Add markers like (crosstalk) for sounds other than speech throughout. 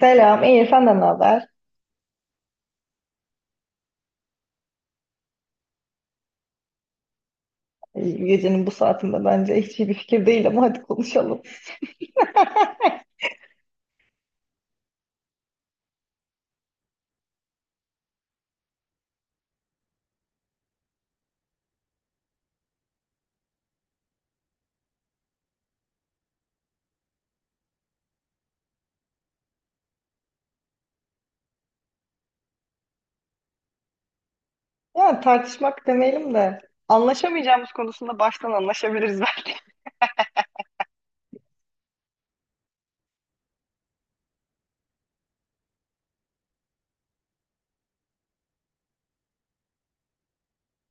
Selam, iyi senden ne haber? Gecenin bu saatinde bence hiç iyi bir fikir değil ama hadi konuşalım. Yani tartışmak demeyelim de anlaşamayacağımız konusunda baştan anlaşabiliriz belki.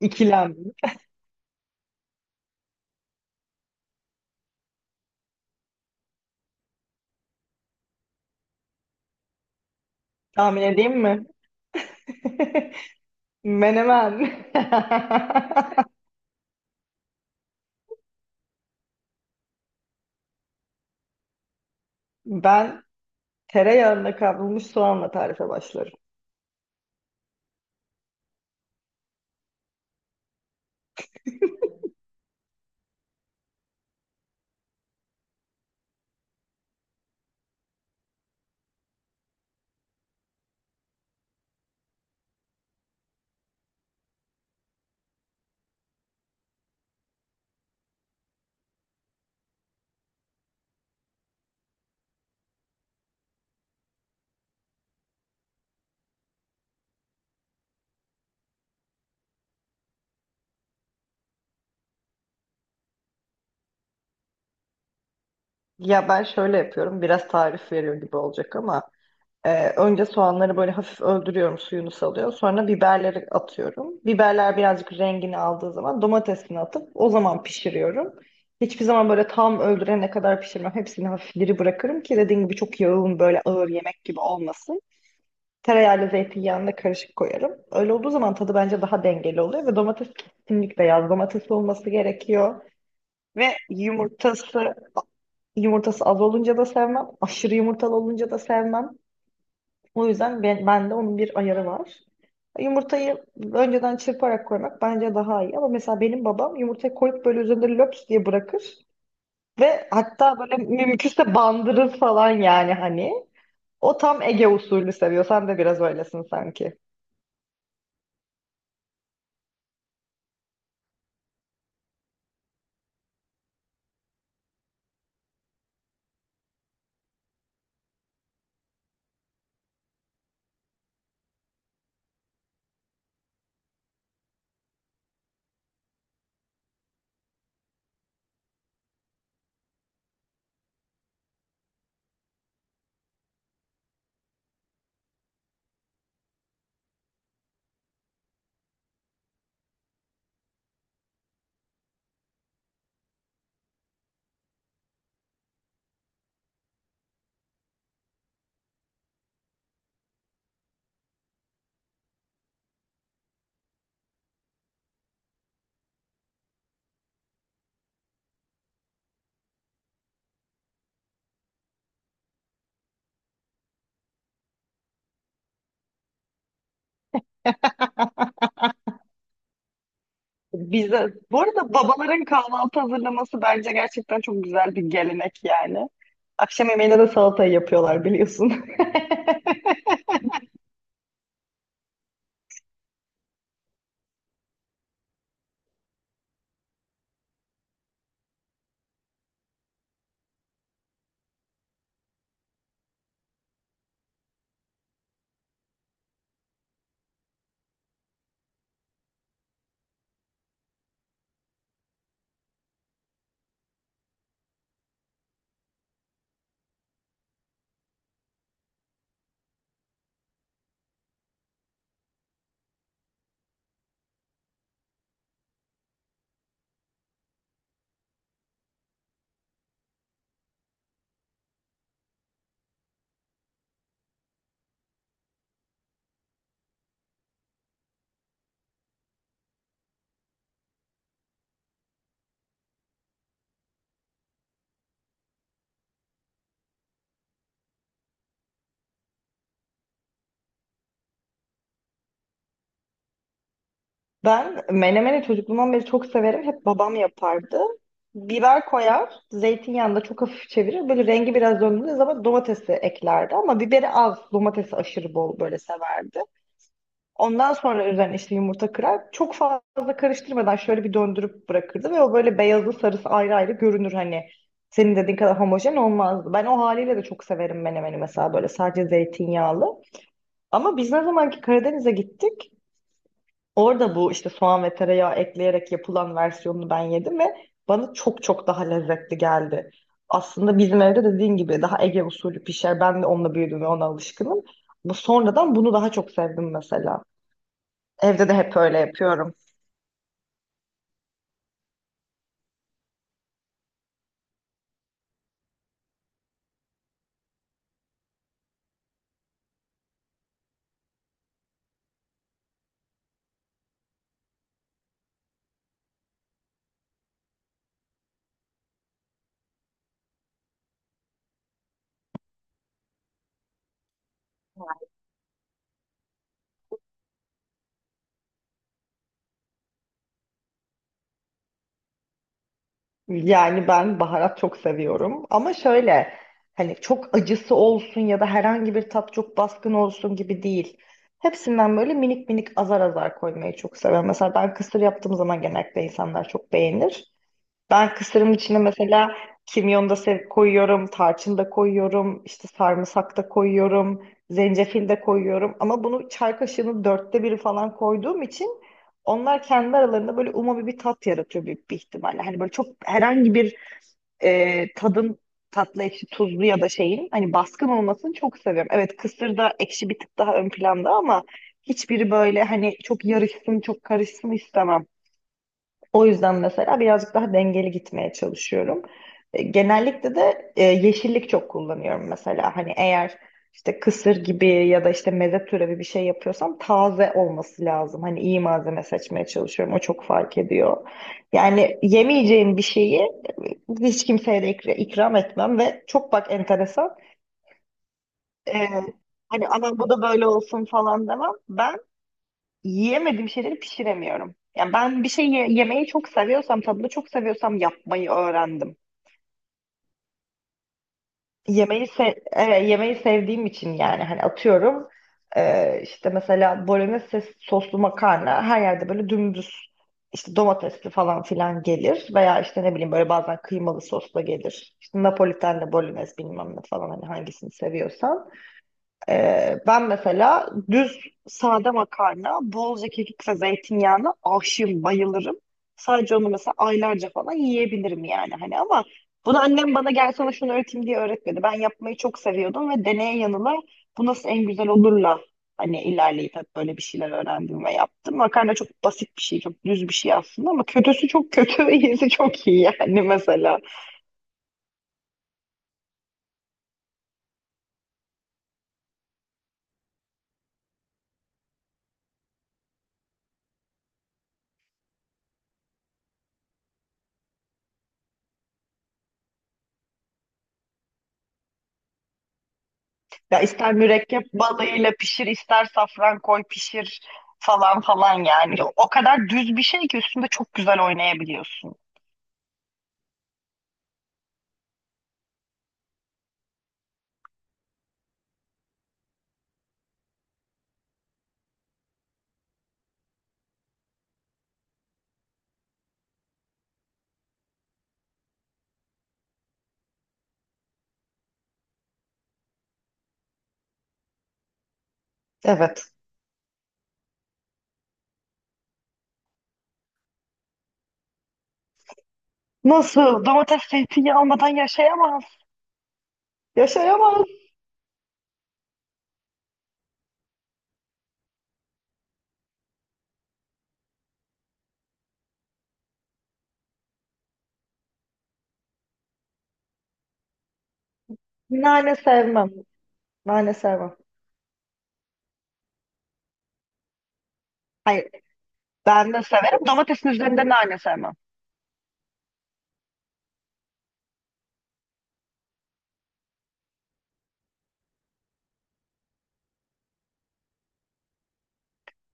(laughs) İkilem. Tahmin edeyim mi? (laughs) Menemen. (laughs) Ben tereyağında kavrulmuş soğanla tarife başlarım. Ya ben şöyle yapıyorum, biraz tarif veriyor gibi olacak ama önce soğanları böyle hafif öldürüyorum, suyunu salıyor. Sonra biberleri atıyorum. Biberler birazcık rengini aldığı zaman domatesini atıp o zaman pişiriyorum. Hiçbir zaman böyle tam öldürene kadar pişirmem. Hepsini hafif diri bırakırım ki dediğim gibi çok yağın böyle ağır yemek gibi olmasın. Tereyağıyla zeytinyağını da karışık koyarım. Öyle olduğu zaman tadı bence daha dengeli oluyor ve domates kesinlikle yaz domatesi olması gerekiyor. Ve yumurtası az olunca da sevmem, aşırı yumurtalı olunca da sevmem. O yüzden ben, bende onun bir ayarı var. Yumurtayı önceden çırparak koymak bence daha iyi. Ama mesela benim babam yumurtayı koyup böyle üzerinde löps diye bırakır. Ve hatta böyle mümkünse bandırır falan yani hani. O tam Ege usulü seviyor. Sen de biraz öylesin sanki. Bizde, bu arada babaların kahvaltı hazırlaması bence gerçekten çok güzel bir gelenek yani. Akşam yemeğine de salatayı yapıyorlar biliyorsun. (laughs) Ben menemeni çocukluğumdan beri çok severim. Hep babam yapardı. Biber koyar, zeytinyağında çok hafif çevirir. Böyle rengi biraz döndüğü zaman domatesi eklerdi ama biberi az, domatesi aşırı bol böyle severdi. Ondan sonra üzerine işte yumurta kırar. Çok fazla karıştırmadan şöyle bir döndürüp bırakırdı ve o böyle beyazı sarısı ayrı ayrı görünür hani. Senin dediğin kadar homojen olmazdı. Ben o haliyle de çok severim menemeni mesela böyle sadece zeytinyağlı. Ama biz ne zamanki Karadeniz'e gittik, orada bu işte soğan ve tereyağı ekleyerek yapılan versiyonunu ben yedim ve bana çok çok daha lezzetli geldi. Aslında bizim evde dediğin gibi daha Ege usulü pişer. Ben de onunla büyüdüm ve ona alışkınım. Bu sonradan bunu daha çok sevdim mesela. Evde de hep öyle yapıyorum. Yani ben baharat çok seviyorum. Ama şöyle hani çok acısı olsun ya da herhangi bir tat çok baskın olsun gibi değil. Hepsinden böyle minik minik azar azar koymayı çok seviyorum. Mesela ben kısır yaptığım zaman genellikle insanlar çok beğenir. Ben kısırın içine mesela kimyon da koyuyorum, tarçın da koyuyorum, işte sarımsak da koyuyorum, zencefil de koyuyorum. Ama bunu çay kaşığının dörtte biri falan koyduğum için onlar kendi aralarında böyle umami bir tat yaratıyor büyük bir ihtimalle. Hani böyle çok herhangi bir tadın tatlı, ekşi, tuzlu ya da şeyin hani baskın olmasını çok seviyorum. Evet kısır da ekşi bir tık daha ön planda ama hiçbiri böyle hani çok yarışsın, çok karışsın istemem. O yüzden mesela birazcık daha dengeli gitmeye çalışıyorum. Genellikle de yeşillik çok kullanıyorum mesela. Hani eğer işte kısır gibi ya da işte meze türevi bir şey yapıyorsam taze olması lazım. Hani iyi malzeme seçmeye çalışıyorum. O çok fark ediyor. Yani yemeyeceğim bir şeyi hiç kimseye de ikram etmem ve çok bak enteresan. e, Hani aman bu da böyle olsun falan demem. Ben yiyemediğim şeyleri pişiremiyorum. Yani ben bir şey yemeyi çok seviyorsam, tadını çok seviyorsam yapmayı öğrendim. Yemeği se Evet, yemeği sevdiğim için yani hani atıyorum işte mesela bolognese soslu makarna her yerde böyle dümdüz işte domatesli falan filan gelir veya işte ne bileyim böyle bazen kıymalı sosla gelir. İşte Napolitan'la bolognese bilmem ne falan hani hangisini seviyorsan. Ben mesela düz sade makarna, bolca kekik ve zeytinyağına aşığım, bayılırım. Sadece onu mesela aylarca falan yiyebilirim yani hani ama bunu annem bana gel sana şunu öğreteyim diye öğretmedi. Ben yapmayı çok seviyordum ve deneye yanıla bu nasıl en güzel olurla hani ilerleyip hep böyle bir şeyler öğrendim ve yaptım. Makarna çok basit bir şey, çok düz bir şey aslında ama kötüsü çok kötü, (laughs) iyisi çok iyi yani mesela. Ya ister mürekkep balığıyla pişir, ister safran koy pişir falan falan yani. O kadar düz bir şey ki üstünde çok güzel oynayabiliyorsun. Evet. Nasıl? Domates zeytinyağı almadan yaşayamaz. Yaşayamaz. Nane sevmem. Nane sevmem. Hayır, ben de severim. Domatesin üzerinde nane sevmem.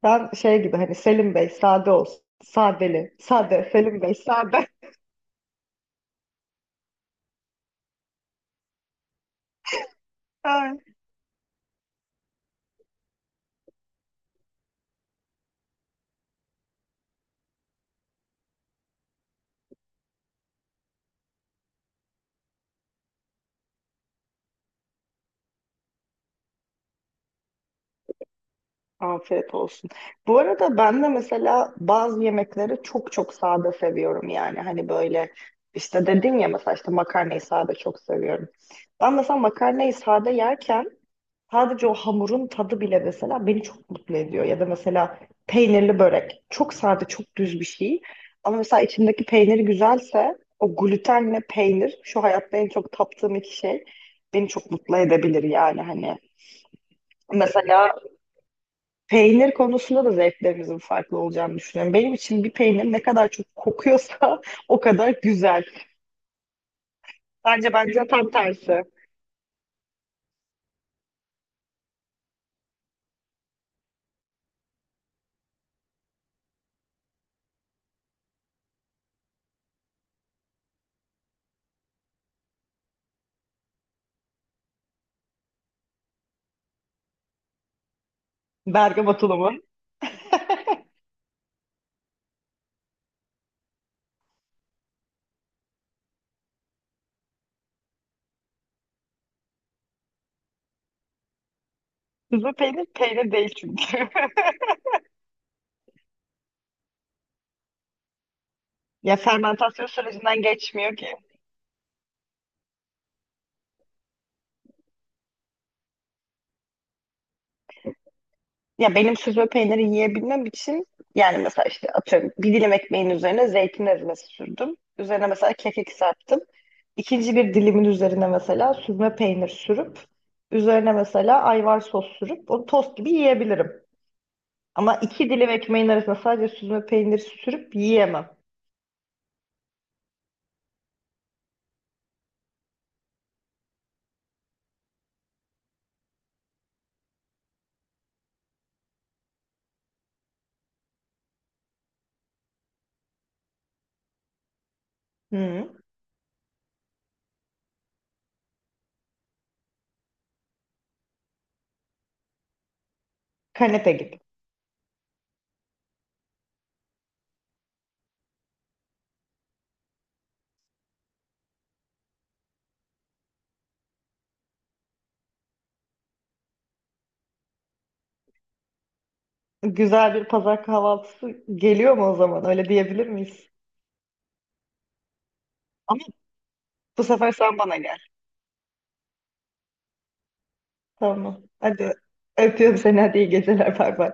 Ben şey gibi hani Selim Bey sade olsun. Sadeli. Sade. Selim Bey sade. (laughs) Afiyet olsun. Bu arada ben de mesela bazı yemekleri çok çok sade seviyorum yani. Hani böyle işte dedin ya mesela işte makarnayı sade çok seviyorum. Ben mesela makarnayı sade yerken sadece o hamurun tadı bile mesela beni çok mutlu ediyor. Ya da mesela peynirli börek çok sade çok düz bir şey. Ama mesela içindeki peyniri güzelse o glutenle peynir şu hayatta en çok taptığım iki şey beni çok mutlu edebilir yani hani. Mesela peynir konusunda da zevklerimizin farklı olacağını düşünüyorum. Benim için bir peynir ne kadar çok kokuyorsa (laughs) o kadar güzel. Bence tam tersi. Bergama tulumu. Süzme (laughs) peynir peynir değil çünkü. (laughs) Ya fermentasyon sürecinden geçmiyor ki. Ya benim süzme peyniri yiyebilmem için yani mesela işte atıyorum bir dilim ekmeğin üzerine zeytin ezmesi sürdüm. Üzerine mesela kekik serptim. İkinci bir dilimin üzerine mesela süzme peynir sürüp üzerine mesela ayvar sos sürüp onu tost gibi yiyebilirim. Ama iki dilim ekmeğin arasına sadece süzme peyniri sürüp yiyemem. Hı. Kanepe gibi. Güzel bir pazar kahvaltısı geliyor mu o zaman? Öyle diyebilir miyiz? Ama bu sefer sen bana gel. Tamam. Hadi öpüyorum seni. Hadi iyi geceler. Bay bay.